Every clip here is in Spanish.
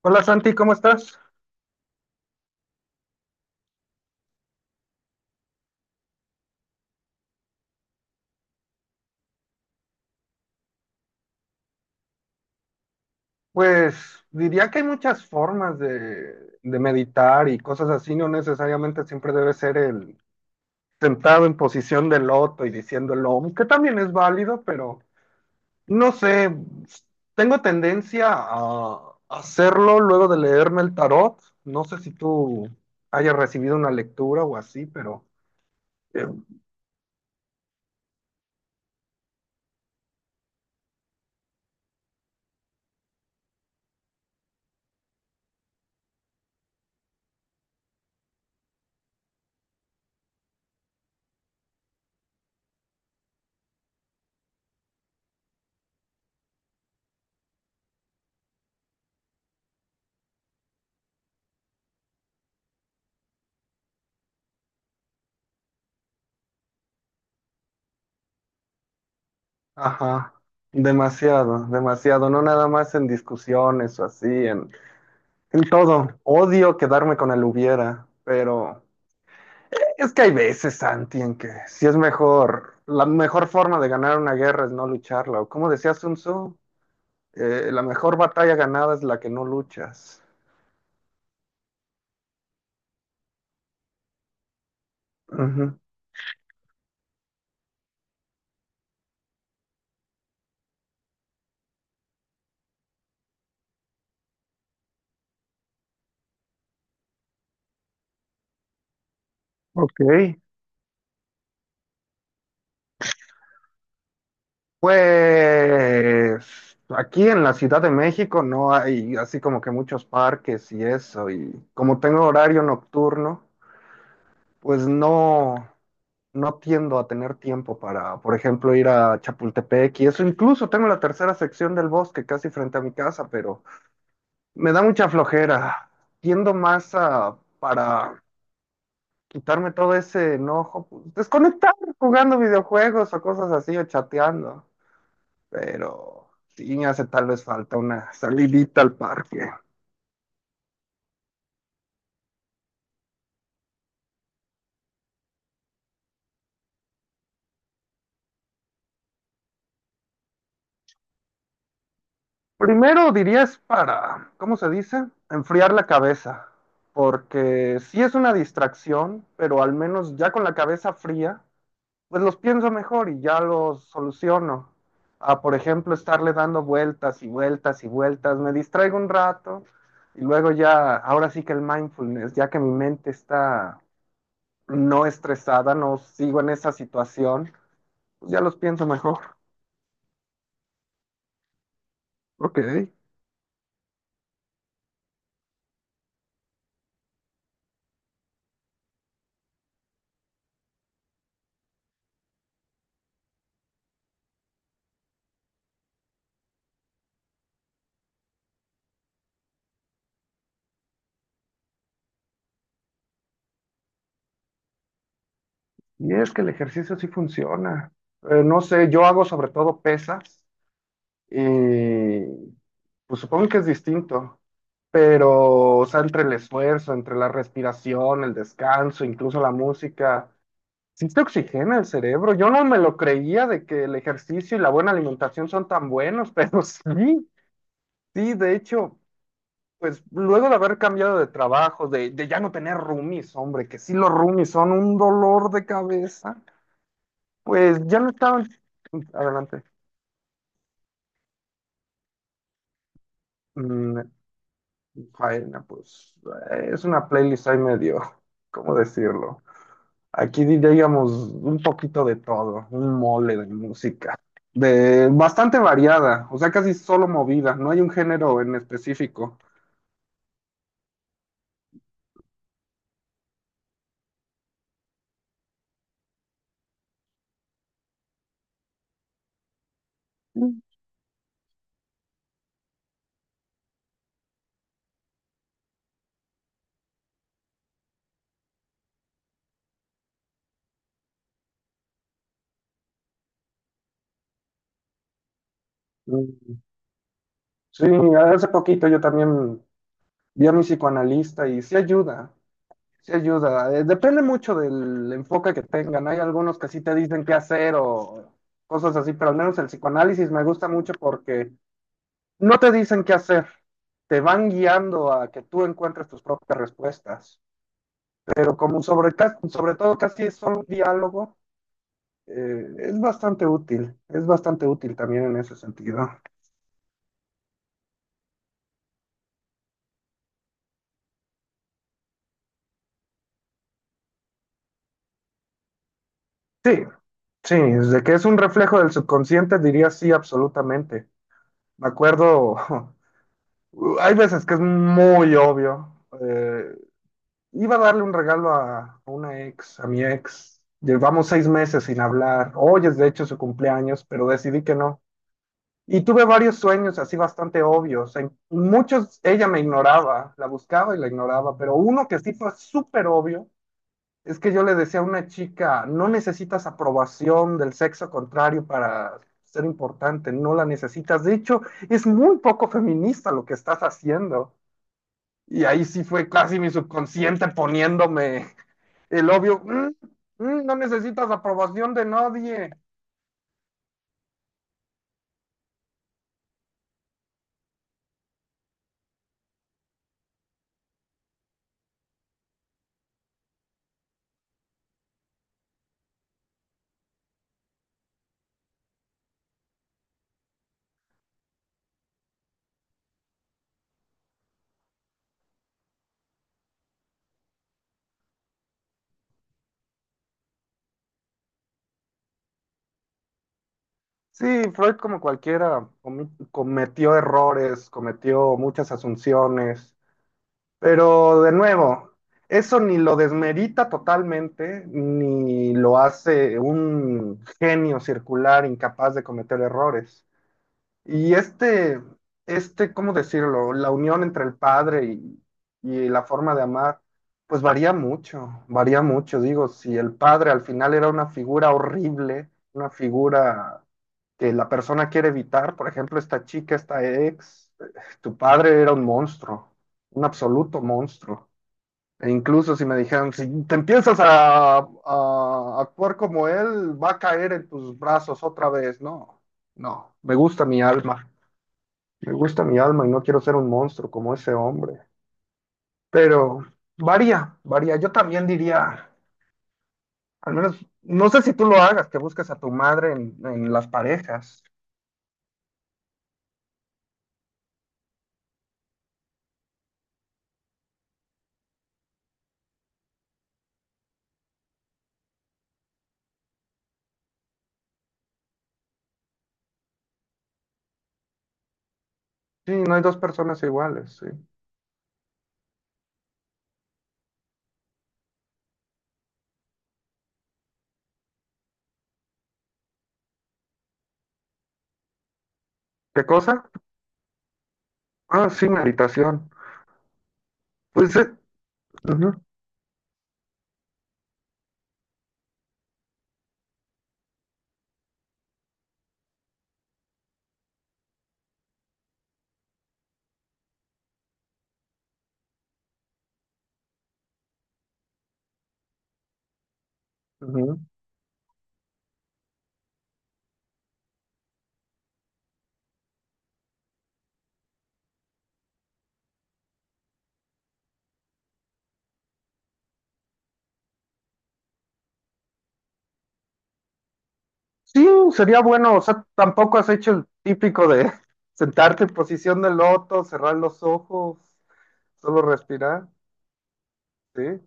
Hola Santi, ¿cómo estás? Pues diría que hay muchas formas de meditar y cosas así, no necesariamente siempre debe ser el sentado en posición de loto y diciendo el OM, que también es válido, pero no sé, tengo tendencia a hacerlo luego de leerme el tarot, no sé si tú hayas recibido una lectura o así, pero eh, ajá, demasiado, demasiado, no nada más en discusiones o así, en todo. Odio quedarme con el hubiera, pero es que hay veces, Santi, en que si es mejor, la mejor forma de ganar una guerra es no lucharla. O como decía Sun Tzu, la mejor batalla ganada es la que no luchas. Ujú. Ok. Pues aquí en la Ciudad de México no hay así como que muchos parques y eso. Y como tengo horario nocturno, pues no, no tiendo a tener tiempo para, por ejemplo, ir a Chapultepec y eso. Incluso tengo la tercera sección del bosque casi frente a mi casa, pero me da mucha flojera. Tiendo más a, para quitarme todo ese enojo, pues, desconectar jugando videojuegos o cosas así o chateando. Pero sí me hace tal vez falta una salidita al parque. Primero dirías para, ¿cómo se dice? Enfriar la cabeza, porque sí es una distracción, pero al menos ya con la cabeza fría, pues los pienso mejor y ya los soluciono. A, por ejemplo, estarle dando vueltas y vueltas y vueltas, me distraigo un rato y luego ya, ahora sí que el mindfulness, ya que mi mente está no estresada, no sigo en esa situación, pues ya los pienso mejor. Ok. Y es que el ejercicio sí funciona. No sé, yo hago sobre todo pesas y pues supongo que es distinto, pero o sea, entre el esfuerzo, entre la respiración, el descanso, incluso la música, sí te oxigena el cerebro. Yo no me lo creía de que el ejercicio y la buena alimentación son tan buenos, pero sí, sí, de hecho, pues luego de haber cambiado de trabajo, de ya no tener roomies, hombre, que sí los roomies son un dolor de cabeza. Pues ya no estaban. Adelante. Mm, faena, pues es una playlist ahí medio, ¿cómo decirlo? Aquí diríamos un poquito de todo, un mole de música, de bastante variada, o sea, casi solo movida, no hay un género en específico. Mm. Mm, sí, hace poquito yo también vi a mi psicoanalista y sí ayuda. Sí ayuda. Depende mucho del enfoque que tengan. Hay algunos que sí te dicen qué hacer o cosas así, pero al menos el psicoanálisis me gusta mucho porque no te dicen qué hacer. Te van guiando a que tú encuentres tus propias respuestas. Pero como sobre todo casi es solo un diálogo, es bastante útil. Es bastante útil también en ese sentido. Sí, sí, desde que es un reflejo del subconsciente diría sí, absolutamente. Me acuerdo hay veces que es muy obvio. Eh, iba a darle un regalo a una ex, a mi ex. Llevamos 6 meses sin hablar. Hoy es de hecho su cumpleaños, pero decidí que no. Y tuve varios sueños así bastante obvios. En muchos ella me ignoraba, la buscaba y la ignoraba, pero uno que sí fue súper obvio es que yo le decía a una chica, no necesitas aprobación del sexo contrario para ser importante, no la necesitas. De hecho, es muy poco feminista lo que estás haciendo. Y ahí sí fue casi mi subconsciente poniéndome el obvio, "Mm, mm, no necesitas aprobación de nadie". Sí, Freud como cualquiera cometió errores, cometió muchas asunciones, pero de nuevo, eso ni lo desmerita totalmente, ni lo hace un genio circular incapaz de cometer errores. Y este, ¿cómo decirlo? La unión entre el padre y la forma de amar, pues varía mucho, varía mucho. Digo, si el padre al final era una figura horrible, una figura que la persona quiere evitar, por ejemplo, esta chica, esta ex, tu padre era un monstruo, un absoluto monstruo. E incluso si me dijeran, si te empiezas a actuar como él, va a caer en tus brazos otra vez. No, no, me gusta mi alma. Me gusta mi alma y no quiero ser un monstruo como ese hombre. Pero varía, varía. Yo también diría, al menos, no sé si tú lo hagas, que busques a tu madre en las parejas. Sí, no hay dos personas iguales, sí. ¿Qué cosa? Ah, sí, meditación. Pues, ujú, ujú. Sí, sería bueno, o sea, tampoco has hecho el típico de sentarte en posición de loto, cerrar los ojos, solo respirar, sí.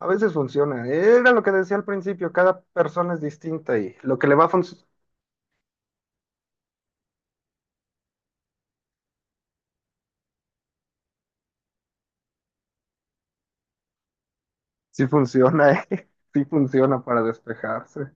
A veces funciona. Era lo que decía al principio, cada persona es distinta y lo que le va a funcionar, sí funciona, ¿eh? Sí funciona para despejarse.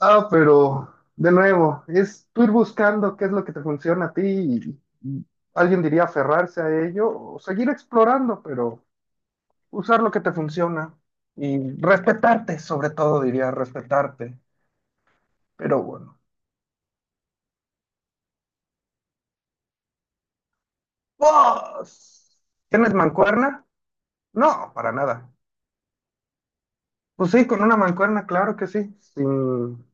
Ah, pero de nuevo, es tú ir buscando qué es lo que te funciona a ti y alguien diría aferrarse a ello o seguir explorando, pero usar lo que te funciona y respetarte, sobre todo diría respetarte. Pero bueno. ¿Vos? ¿Tienes mancuerna? No, para nada. Pues sí, con una mancuerna, claro que sí, sin,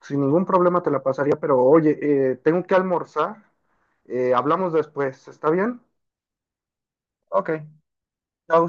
sin ningún problema te la pasaría, pero oye, tengo que almorzar, hablamos después, ¿está bien? Ok, chao.